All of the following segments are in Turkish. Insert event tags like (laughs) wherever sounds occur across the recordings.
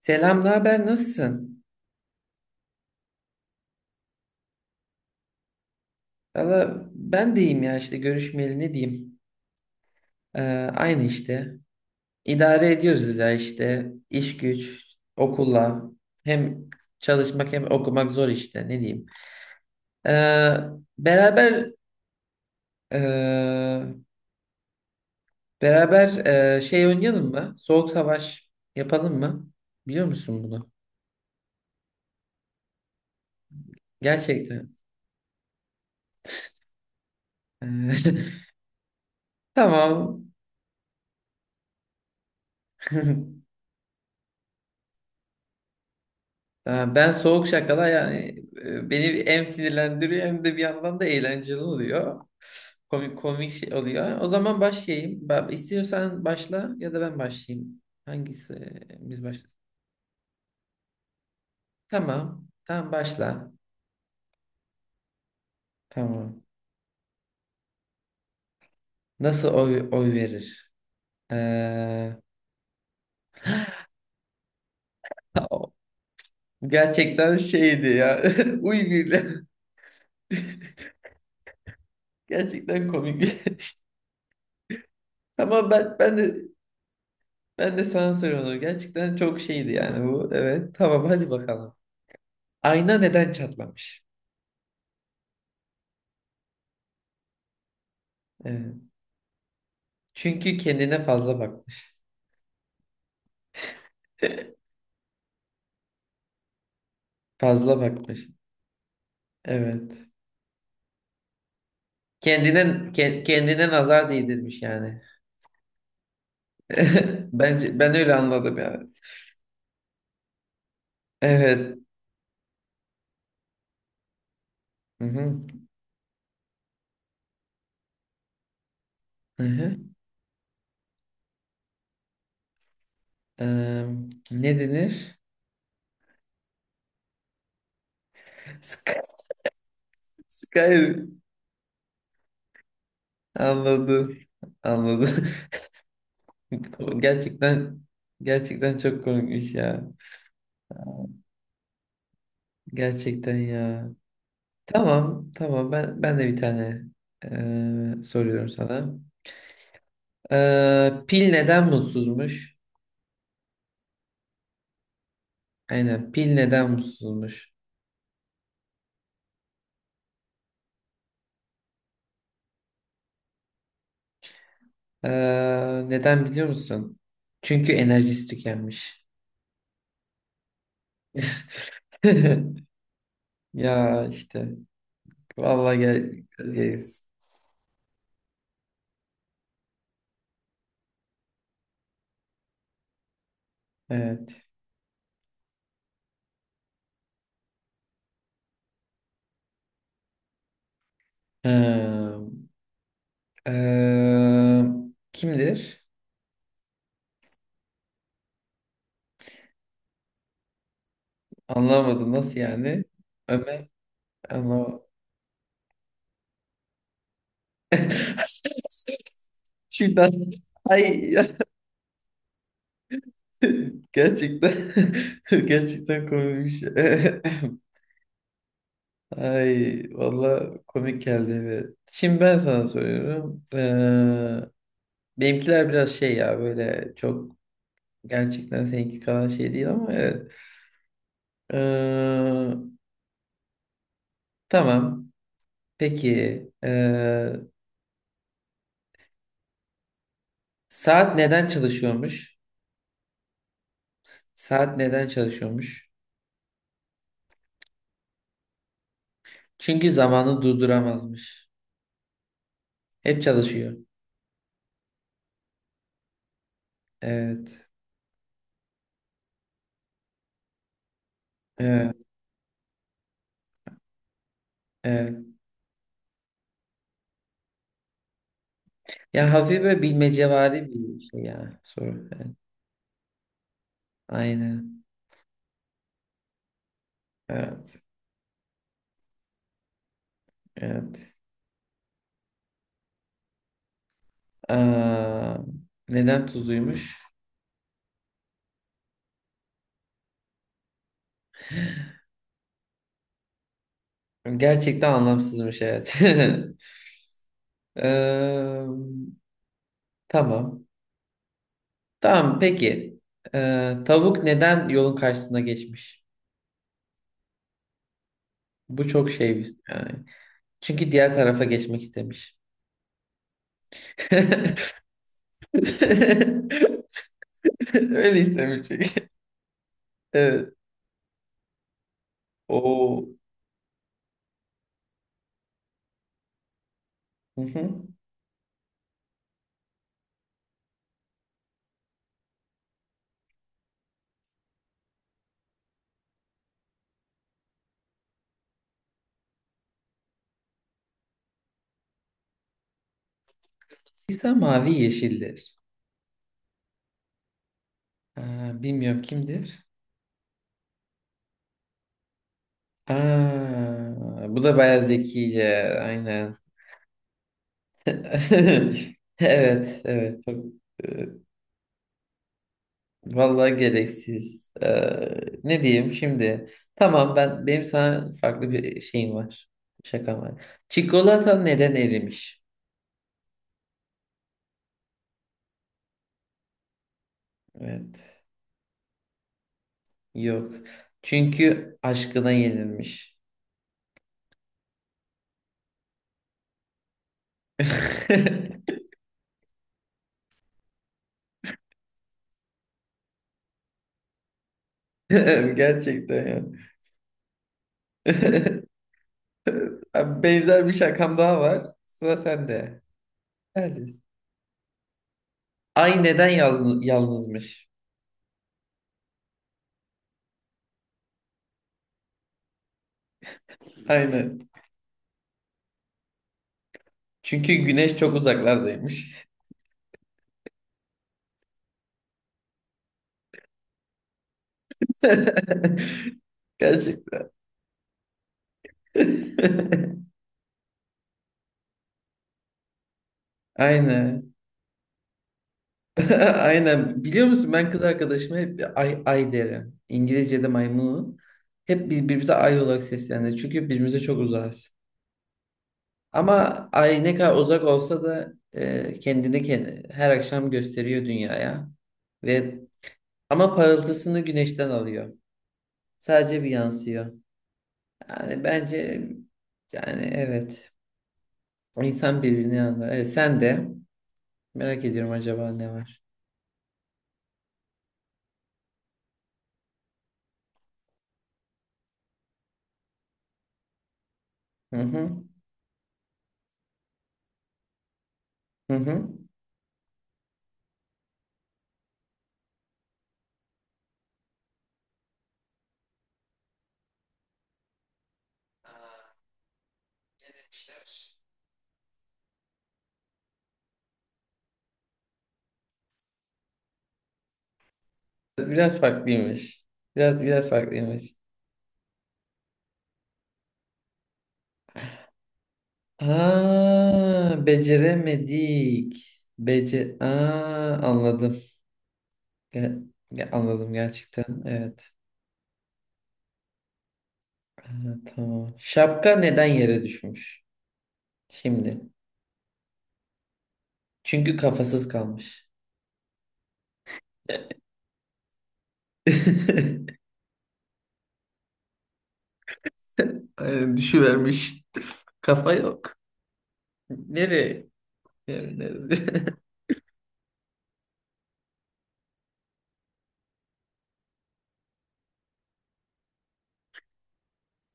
Selam, ne haber? Nasılsın? Valla ben deyim ya işte görüşmeyeli ne diyeyim? Aynı işte. İdare ediyoruz ya işte. İş güç, okulla. Hem çalışmak hem okumak zor işte ne diyeyim. Ee, beraber ee, beraber şey oynayalım mı? Soğuk savaş yapalım mı? Biliyor musun bunu? Gerçekten. (laughs) Ee, (laughs) Tamam. (laughs) Ha, ben soğuk şakalar beni hem sinirlendiriyor hem de bir yandan da eğlenceli oluyor. Komik komik şey oluyor. O zaman başlayayım. Ben, istiyorsan başla ya da ben başlayayım. Hangisi biz başlasın? Tamam. Tamam başla. Tamam. Nasıl oy verir? Ee, (laughs) gerçekten şeydi ya. (laughs) Uy birle. Gerçekten komik bir (laughs) Tamam ben de ben de sana soruyorum. Gerçekten çok şeydi yani bu. Evet. Tamam hadi bakalım. Ayna neden çatlamış? Evet. Çünkü kendine fazla bakmış. (laughs) Fazla bakmış. Evet. Kendine kendine nazar değdirmiş yani. (laughs) Bence ben öyle anladım yani. Evet. Hı hı. Hı hı. Eee, ne denir? (laughs) Sky Skyrim. Anladım. Anladım. (laughs) Gerçekten gerçekten çok komikmiş ya. Gerçekten ya. Tamam, tamam. Ben de bir tane soruyorum sana. Pil neden mutsuzmuş? Aynen pil neden mutsuzmuş? Ee, neden biliyor musun? Çünkü enerjisi tükenmiş. (laughs) Ya işte vallahi gel, geliz. Evet. Ee, ee, kimdir? Anlamadım nasıl yani? Ömer anlamadım. Şimdi ay (laughs) gerçekten (laughs) gerçekten komikmiş. (laughs) Ay valla komik geldi. Evet. Şimdi ben sana soruyorum. Benimkiler biraz şey ya böyle çok gerçekten seninki kadar şey değil ama evet. Ee, tamam. Peki saat neden çalışıyormuş? Saat neden çalışıyormuş? Çünkü zamanı durduramazmış. Hep çalışıyor. Evet. Evet. Evet. Ya hafif böyle bilmecevari bir şey ya soru. Evet. Aynen. Evet. Evet. Aa, neden tuzluymuş? Gerçekten anlamsızmış evet. (laughs) Eee, tamam. Tamam peki. Tavuk neden yolun karşısına geçmiş? Bu çok şey bir- yani. Çünkü diğer tarafa geçmek istemiş. (laughs) Öyle istemiş çünkü. Evet. O. Hı hı. İsa mavi yeşildir. Aa, bilmiyorum kimdir? Aa, bu da bayağı zekice. Aynen. (laughs) Evet, evet e, vallahi gereksiz. E, ne diyeyim şimdi? Tamam benim sana farklı bir şeyim var. Şakam var. Çikolata neden erimiş? Evet. Yok. Çünkü aşkına yenilmiş. (laughs) Gerçekten ya. (laughs) Benzer bir şakam daha var. Sıra sende. Neredesin? Ay neden yalnızmış? Aynen. Çünkü güneş çok uzaklardaymış. (laughs) Gerçekten. (laughs) Aynen. (laughs) Aynen. Biliyor musun ben kız arkadaşıma hep ay, ay derim. İngilizce'de my moon. Hep birbirimize ay olarak sesleniriz. Çünkü birbirimize çok uzağız. Ama ay ne kadar uzak olsa da her akşam gösteriyor dünyaya. Ve ama parıltısını güneşten alıyor. Sadece bir yansıyor. Yani bence yani evet. İnsan birbirini anlar. Evet, sen de. Merak ediyorum acaba ne var? Hı hı. Hı hı. Biraz farklıymış. Biraz farklıymış. Aa, beceremedik. Aa, anladım. Ge- anladım gerçekten. Evet. Aa, tamam. Şapka neden yere düşmüş? Şimdi. Çünkü kafasız kalmış. (laughs) Aynen, düşüvermiş. Kafa yok. Nereye? Nereye? Nereye? (laughs)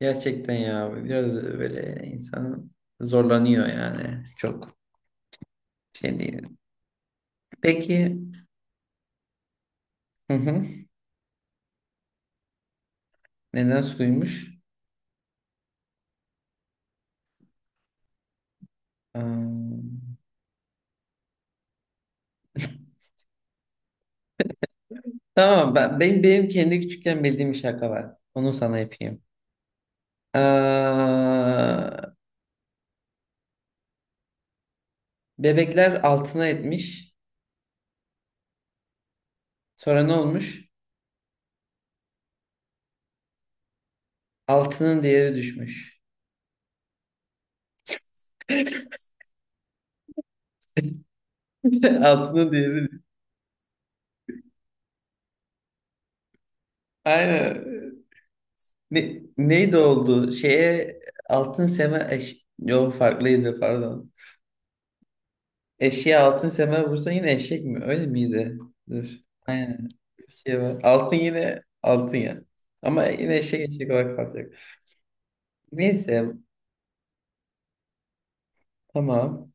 Gerçekten ya biraz böyle insan zorlanıyor yani çok şey değil. Peki hı hı. Neden suymuş? Aa, tamam benim kendi küçükken bildiğim bir şaka var. Onu sana yapayım. Aa, bebekler altına etmiş. Sonra ne olmuş? Altının değeri düşmüş. (laughs) Altının değeri. Aynen. Ne, neydi oldu? Şeye altın seme eş... Yok farklıydı pardon. Eşeğe altın semer vursan yine eşek mi? Öyle miydi? Dur. Aynen. Bir şey var. Altın yine altın ya. Ama yine eşek eşek olarak kalacak. Neyse. Tamam.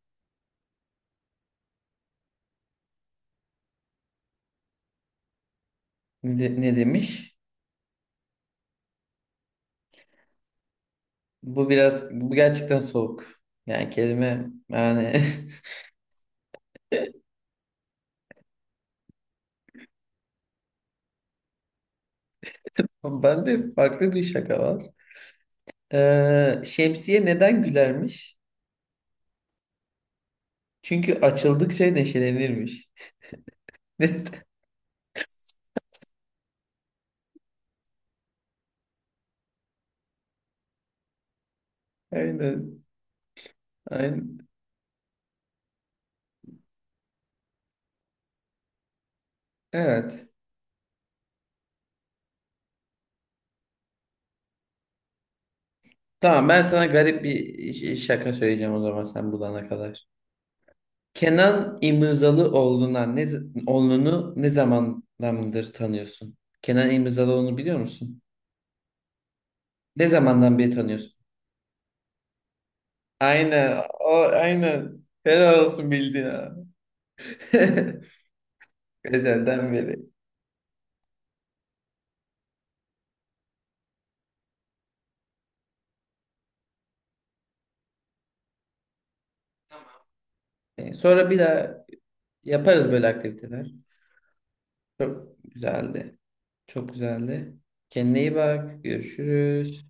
Ne, ne demiş? Bu biraz bu gerçekten soğuk. Yani kelime yani (laughs) bende farklı bir şaka var. Şemsiye neden gülermiş? Çünkü açıldıkça neşelenirmiş. (laughs) Neden? Aynen. Aynen. Evet. Tamam ben sana garip bir şaka söyleyeceğim o zaman sen bulana kadar. Kenan İmirzalıoğlu'na ne z- oğlunu ne zamandandır tanıyorsun? Kenan İmirzalıoğlu'nu biliyor musun? Ne zamandan beri tanıyorsun? Aynen. O, aynen. Helal olsun bildin ha. (laughs) Ezelden beri. Sonra bir daha yaparız böyle aktiviteler. Çok güzeldi. Çok güzeldi. Kendine iyi bak. Görüşürüz.